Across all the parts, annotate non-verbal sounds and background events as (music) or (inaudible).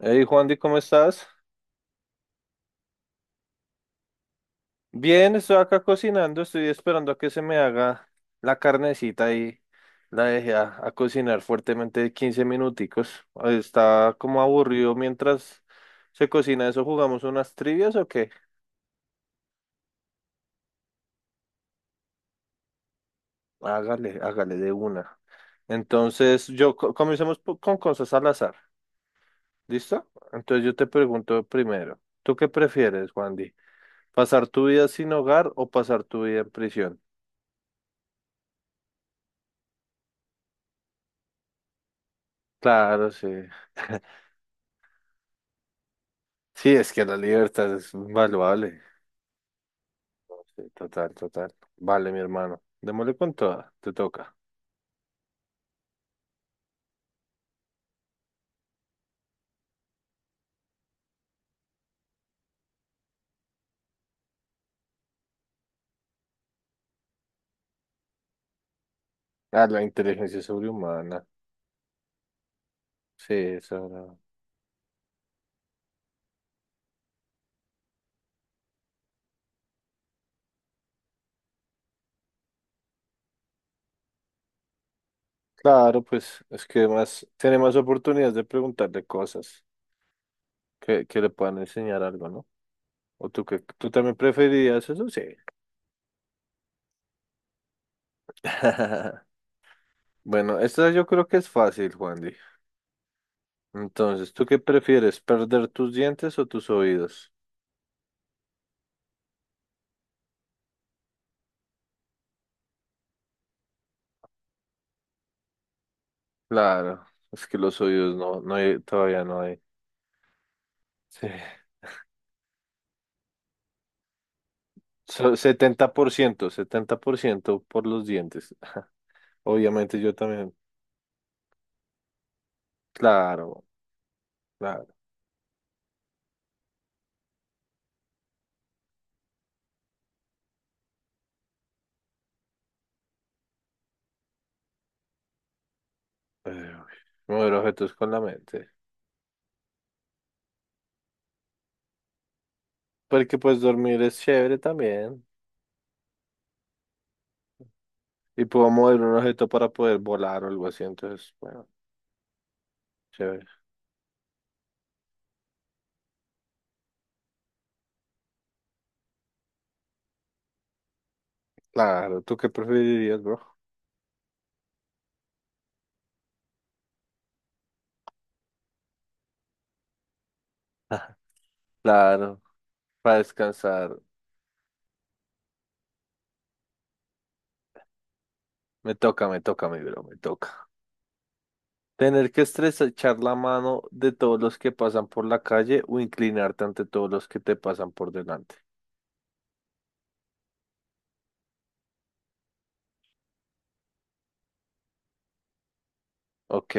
Hey Juan, ¿cómo estás? Bien, estoy acá cocinando, estoy esperando a que se me haga la carnecita y la dejé a cocinar fuertemente 15 minuticos. Está como aburrido mientras se cocina eso, ¿jugamos unas trivias o qué? Hágale, hágale de una. Entonces, yo comencemos con cosas al azar, ¿listo? Entonces yo te pregunto primero, ¿tú qué prefieres, Juan? ¿Pasar tu vida sin hogar o pasar tu vida en prisión? Claro, sí. (laughs) Sí, es que la libertad es invaluable. Sí, total, total. Vale, mi hermano. Démosle con toda. Te toca. Ah, la inteligencia sobrehumana. Sí. Claro, pues es que más, tiene más oportunidades de preguntarle cosas que le puedan enseñar algo, ¿no? ¿O tú que tú también preferirías eso? Sí. (laughs) Bueno, esta yo creo que es fácil, Juandy. Entonces, ¿tú qué prefieres? ¿Perder tus dientes o tus oídos? Claro, es que los oídos todavía no hay. Sí. 70%, 70% por los dientes. (laughs) Obviamente yo también. Claro, claro. Eh, Mover objetos con la mente. Porque pues dormir es chévere también. Y puedo mover un objeto para poder volar o algo así. Entonces, bueno, chévere. Claro, ¿tú qué preferirías, bro? Claro, para descansar. Me toca, mi bro, me toca. Tener que estrechar la mano de todos los que pasan por la calle o inclinarte ante todos los que te pasan por delante. Ok.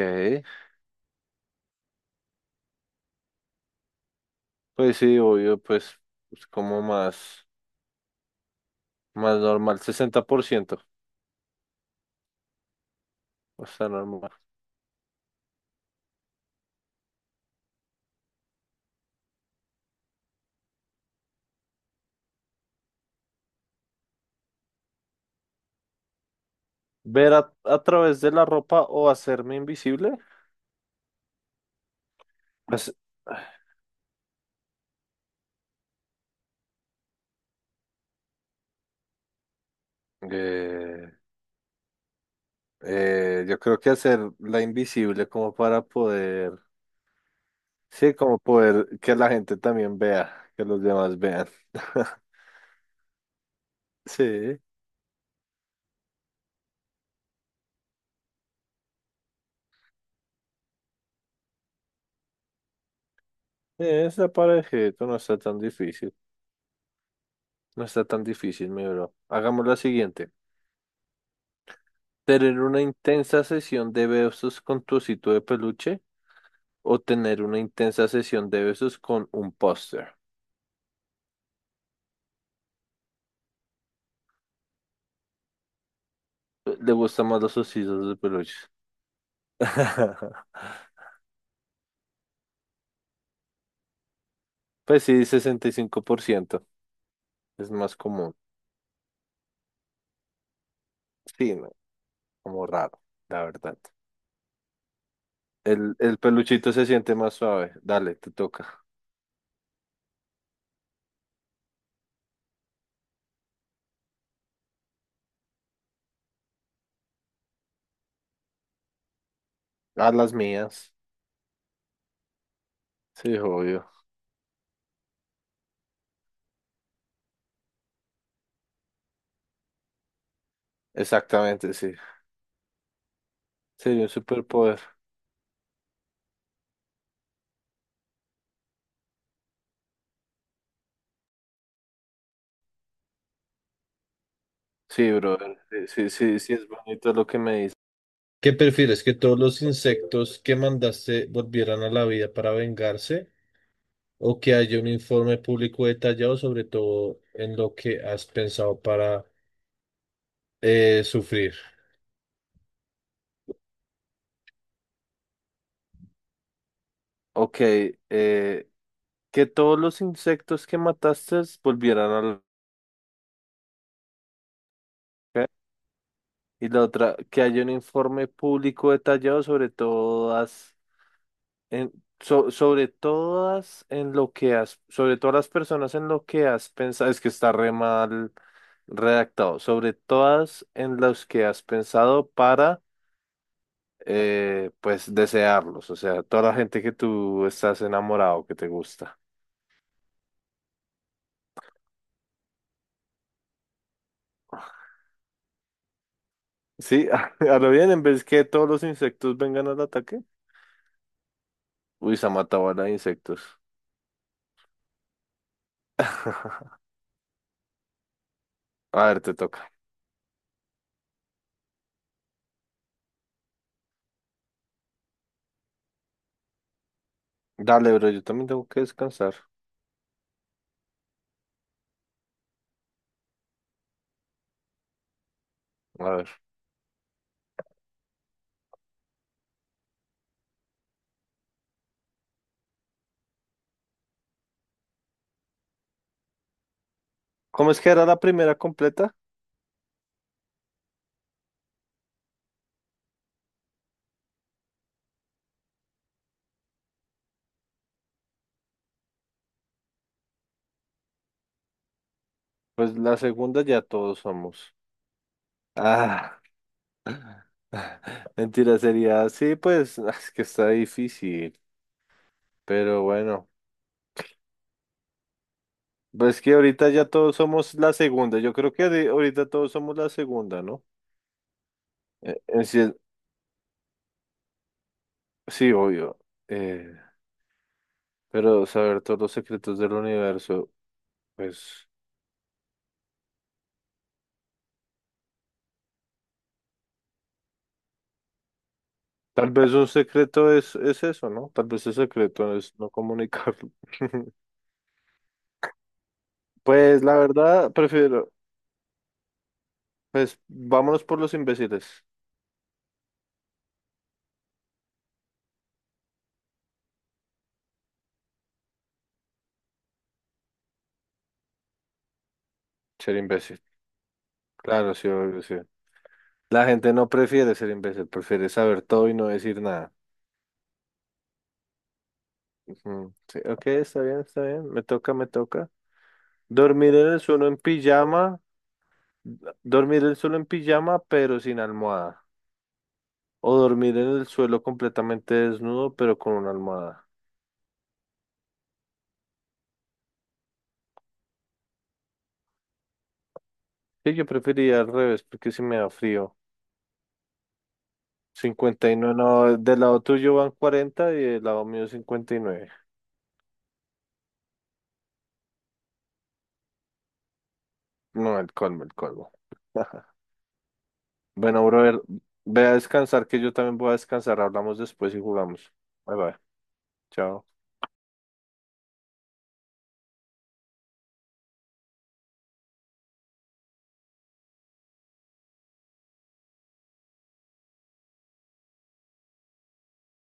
Pues sí, obvio, pues como más, más normal, 60%, o sea, normal. Ver a través de la ropa o hacerme invisible. Pues, eh, yo creo que hacerla invisible como para poder, sí, como poder que la gente también vea, que los demás vean. (laughs) Sí, sí, esa parejito no está tan difícil, no está tan difícil, mi bro. Hagamos la siguiente. Tener una intensa sesión de besos con tu osito de peluche o tener una intensa sesión de besos con un póster. Le gustan más los ositos de peluche. (laughs) Pues sí, 65%. Es más común. Sí, no, como raro, la verdad. El peluchito se siente más suave. Dale, te toca. A las mías. Sí, obvio. Exactamente, sí. Sería un superpoder. Sí, brother. Sí, sí, sí, sí, es bonito lo que me dices. ¿Qué prefieres? ¿Que todos los insectos que mandaste volvieran a la vida para vengarse o que haya un informe público detallado sobre todo en lo que has pensado para sufrir? Ok, eh, que todos los insectos que mataste volvieran a la... ¿qué? Y la otra, que haya un informe público detallado sobre todas, en, sobre todas en lo que has, sobre todas las personas en lo que has pensado, es que está re mal redactado, sobre todas en las que has pensado para pues desearlos, o sea, toda la gente que tú estás enamorado, que te gusta. Sí, (laughs) a lo bien, en vez que todos los insectos vengan al ataque, uy, se ha matado a la de insectos. (laughs) A ver, te toca. Dale, bro, yo también tengo que descansar. A ver. ¿Cómo es que era la primera completa? Pues la segunda ya todos somos. Ah. (laughs) Mentira, sería. Sí, pues (laughs) es que está difícil. Pero bueno. Pues que ahorita ya todos somos la segunda. Yo creo que ahorita todos somos la segunda, ¿no? En sí, sí, obvio. Eh, pero saber todos los secretos del universo, pues tal vez un secreto es eso, ¿no? Tal vez el secreto es no comunicarlo. (laughs) Pues la verdad, prefiero, pues vámonos por los imbéciles. Ser imbécil. Claro, sí, obvio, sí. La gente no prefiere ser imbécil, prefiere saber todo y no decir nada. Ujú. Sí, ok, está bien, está bien. Me toca, me toca. Dormir en el suelo en pijama, dormir el suelo en pijama, pero sin almohada. O dormir en el suelo completamente desnudo, pero con una almohada. Sí, yo preferiría al revés, porque si me da frío. Cincuenta y nueve, no, del lado tuyo van 40 y del lado mío 59. No, el colmo, el colmo. (laughs) Bueno, brother, ve a descansar, que yo también voy a descansar. Hablamos después y jugamos. Bye bye. Chao.